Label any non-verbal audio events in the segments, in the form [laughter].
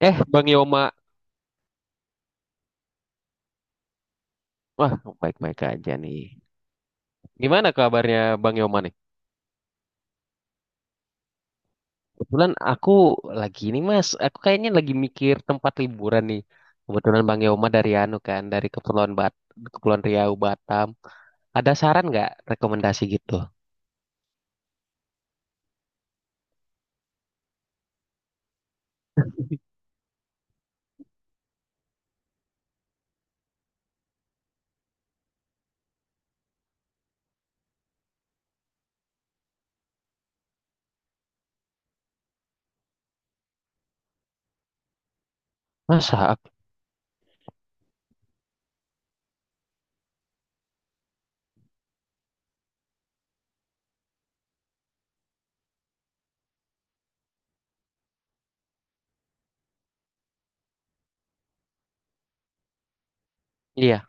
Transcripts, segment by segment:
Eh, Bang Yoma. Wah, baik-baik aja nih. Gimana kabarnya Bang Yoma nih? Kebetulan aku lagi ini Mas, aku kayaknya lagi mikir tempat liburan nih. Kebetulan Bang Yoma dari anu kan, dari Kepulauan Riau, Batam. Ada saran nggak rekomendasi gitu? Masa? Iya,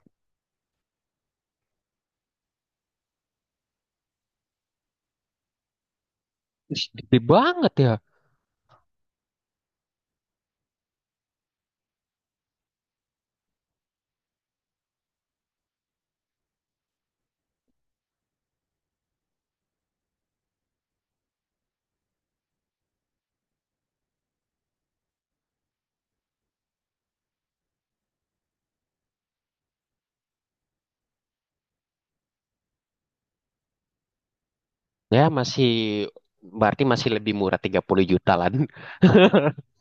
gede banget ya. Ya, masih berarti masih lebih murah 30 juta lah. [laughs]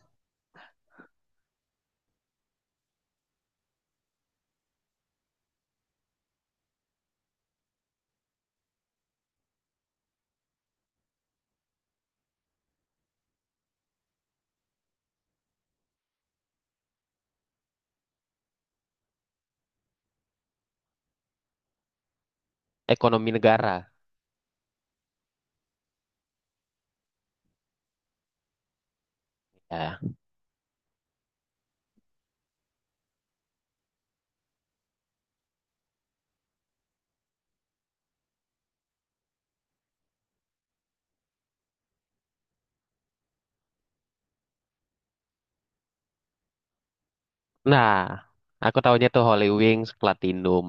Ekonomi negara. Ya. Nah, aku tahunya tuh Holy Wings, Platinum.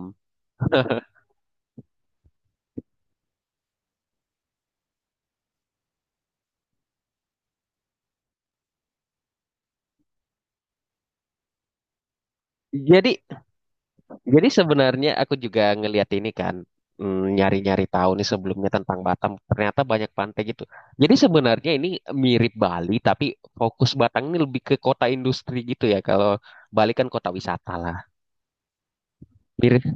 Jadi Jadi sebenarnya aku juga ngelihat ini kan, nyari-nyari tahu nih sebelumnya tentang Batam. Ternyata banyak pantai gitu. Jadi sebenarnya ini mirip Bali, tapi fokus Batam ini lebih ke kota industri gitu ya. Kalau Bali kan kota wisata lah. Mirip.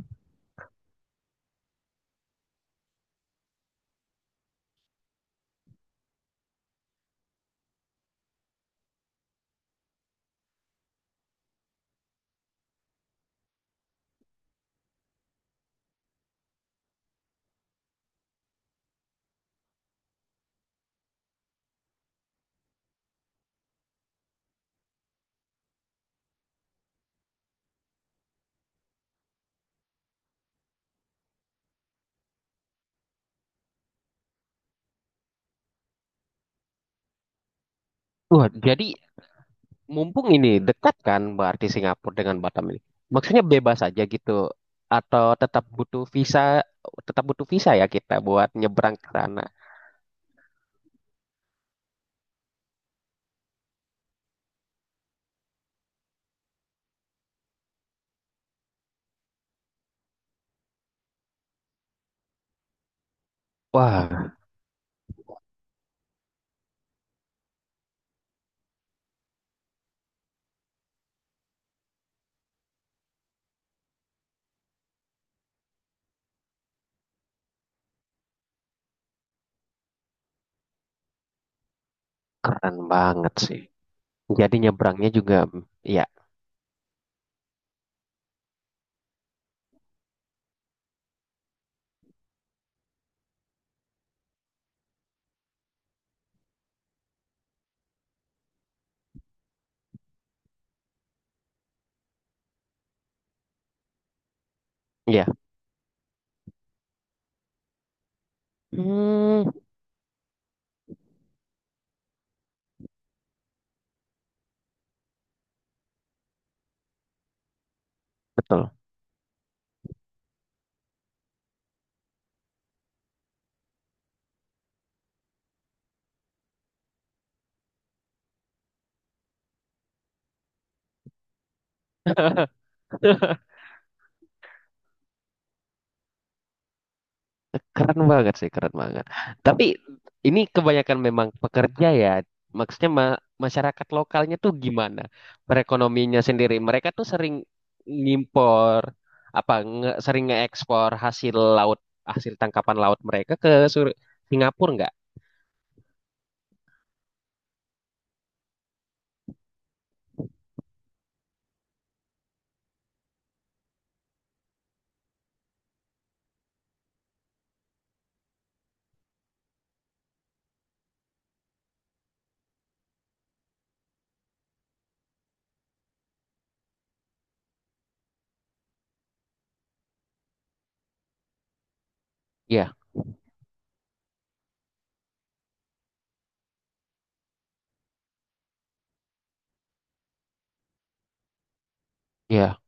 Wah, jadi mumpung ini dekat kan berarti Singapura dengan Batam ini. Maksudnya bebas aja gitu. Atau tetap butuh visa ya kita buat nyebrang ke sana. Wah, keren banget sih. Jadi nyebrangnya juga, ya. Ya Hmm, Betul. Keren banget sih, keren banget. Tapi ini kebanyakan memang pekerja ya. Maksudnya ma- masyarakat lokalnya tuh gimana? Perekonominya sendiri. Mereka tuh sering ngimpor, apa, sering ngeekspor hasil laut, hasil tangkapan laut mereka ke Singapura nggak? Iya, iya,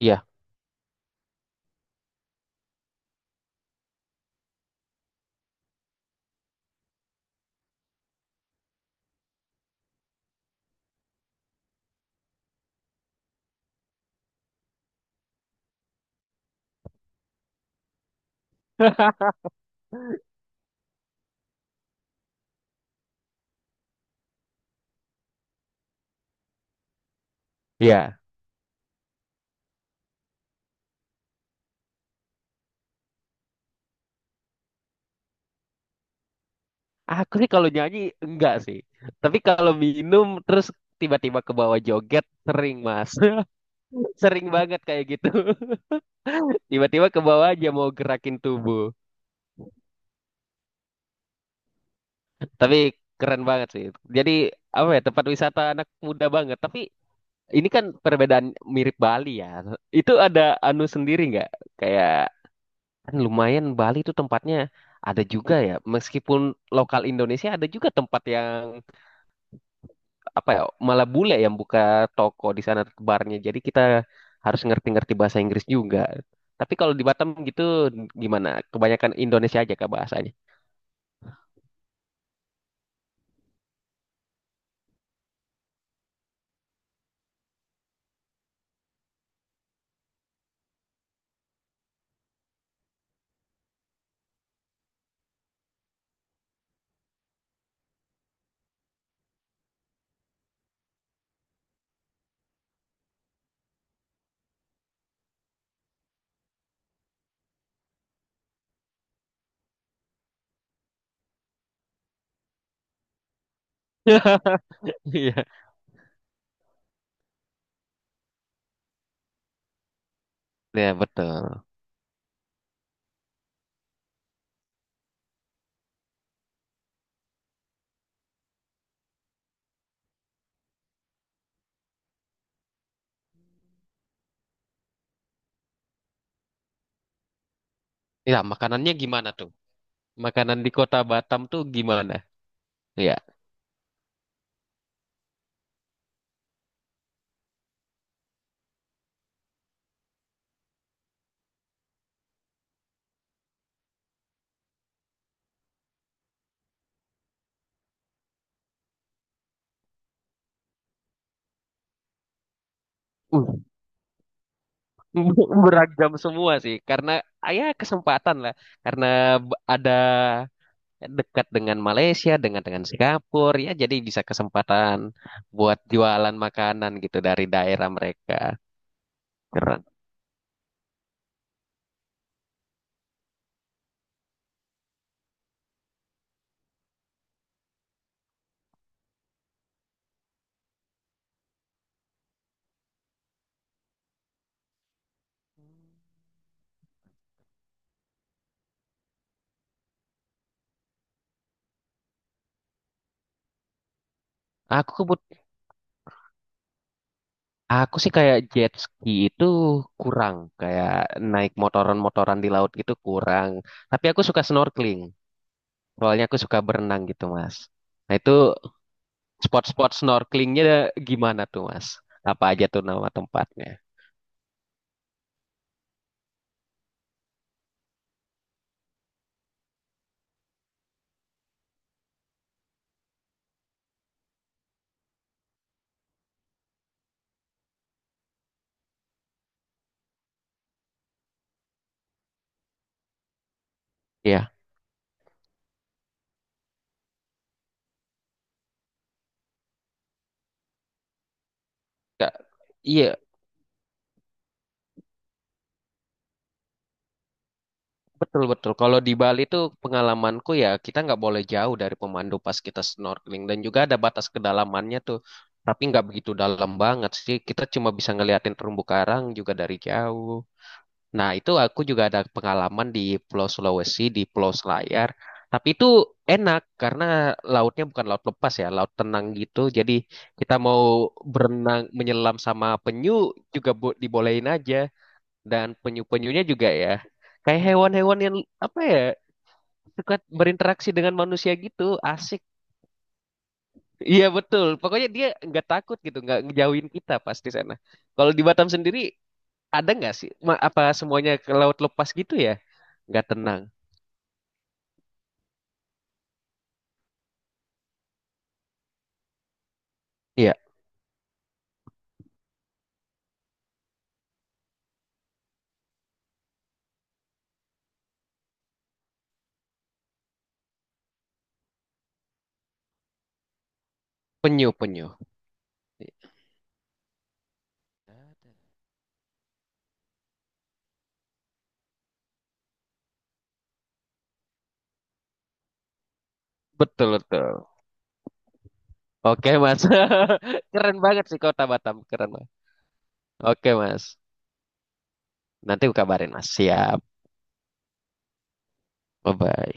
iya, [laughs] iya. Aku sih kalau nyanyi enggak sih. Tapi kalau minum terus tiba-tiba ke bawah joget sering, Mas. [laughs] Sering banget kayak gitu. [laughs] Tiba-tiba ke bawah aja mau gerakin tubuh. Tapi keren banget sih. Jadi apa ya tempat wisata anak muda banget. Tapi ini kan perbedaan mirip Bali ya. Itu ada anu sendiri nggak? Kayak kan lumayan Bali itu tempatnya ada juga ya. Meskipun lokal Indonesia ada juga tempat yang apa ya malah bule yang buka toko di sana barnya. Jadi kita harus ngerti-ngerti bahasa Inggris juga. Tapi kalau di Batam gitu gimana? Kebanyakan Indonesia aja kah bahasanya? [laughs] Iya, ya betul. Ya, makanannya gimana tuh? Makanan di kota Batam tuh gimana? Ya, uh, [laughs] beragam semua sih. Karena ah, ya kesempatan lah. Karena ada dekat dengan Malaysia, dengan Singapura, ya jadi bisa kesempatan buat jualan makanan gitu dari daerah mereka. Keren. Aku kebut- aku sih kayak jet ski itu kurang, kayak naik motoran-motoran di laut gitu kurang. Tapi aku suka snorkeling. Soalnya aku suka berenang gitu, Mas. Nah, itu spot-spot snorkelingnya gimana tuh, Mas? Apa aja tuh nama tempatnya? Iya, Kak. Iya, betul-betul. Kalau di Bali tuh pengalamanku ya kita nggak boleh jauh dari pemandu pas kita snorkeling. Dan juga ada batas kedalamannya tuh. Tapi nggak begitu dalam banget sih. Kita cuma bisa ngeliatin terumbu karang juga dari jauh. Nah, itu aku juga ada pengalaman di Pulau Sulawesi, di Pulau Selayar. Tapi itu enak karena lautnya bukan laut lepas ya, laut tenang gitu. Jadi kita mau berenang, menyelam sama penyu juga dibolehin aja. Dan penyu-penyunya juga ya, kayak hewan-hewan yang apa ya, suka berinteraksi dengan manusia gitu, asik. [laughs] Iya betul, pokoknya dia nggak takut gitu, nggak ngejauhin kita pasti sana. Kalau di Batam sendiri ada nggak sih, apa semuanya ke laut lepas gitu ya? Nggak tenang. Iya, penyu, penyu. Betul, betul. Oke, Mas. [laughs] Keren banget sih kota Batam. Keren, Mas. Oke, Mas. Nanti aku kabarin, Mas. Siap. Bye-bye.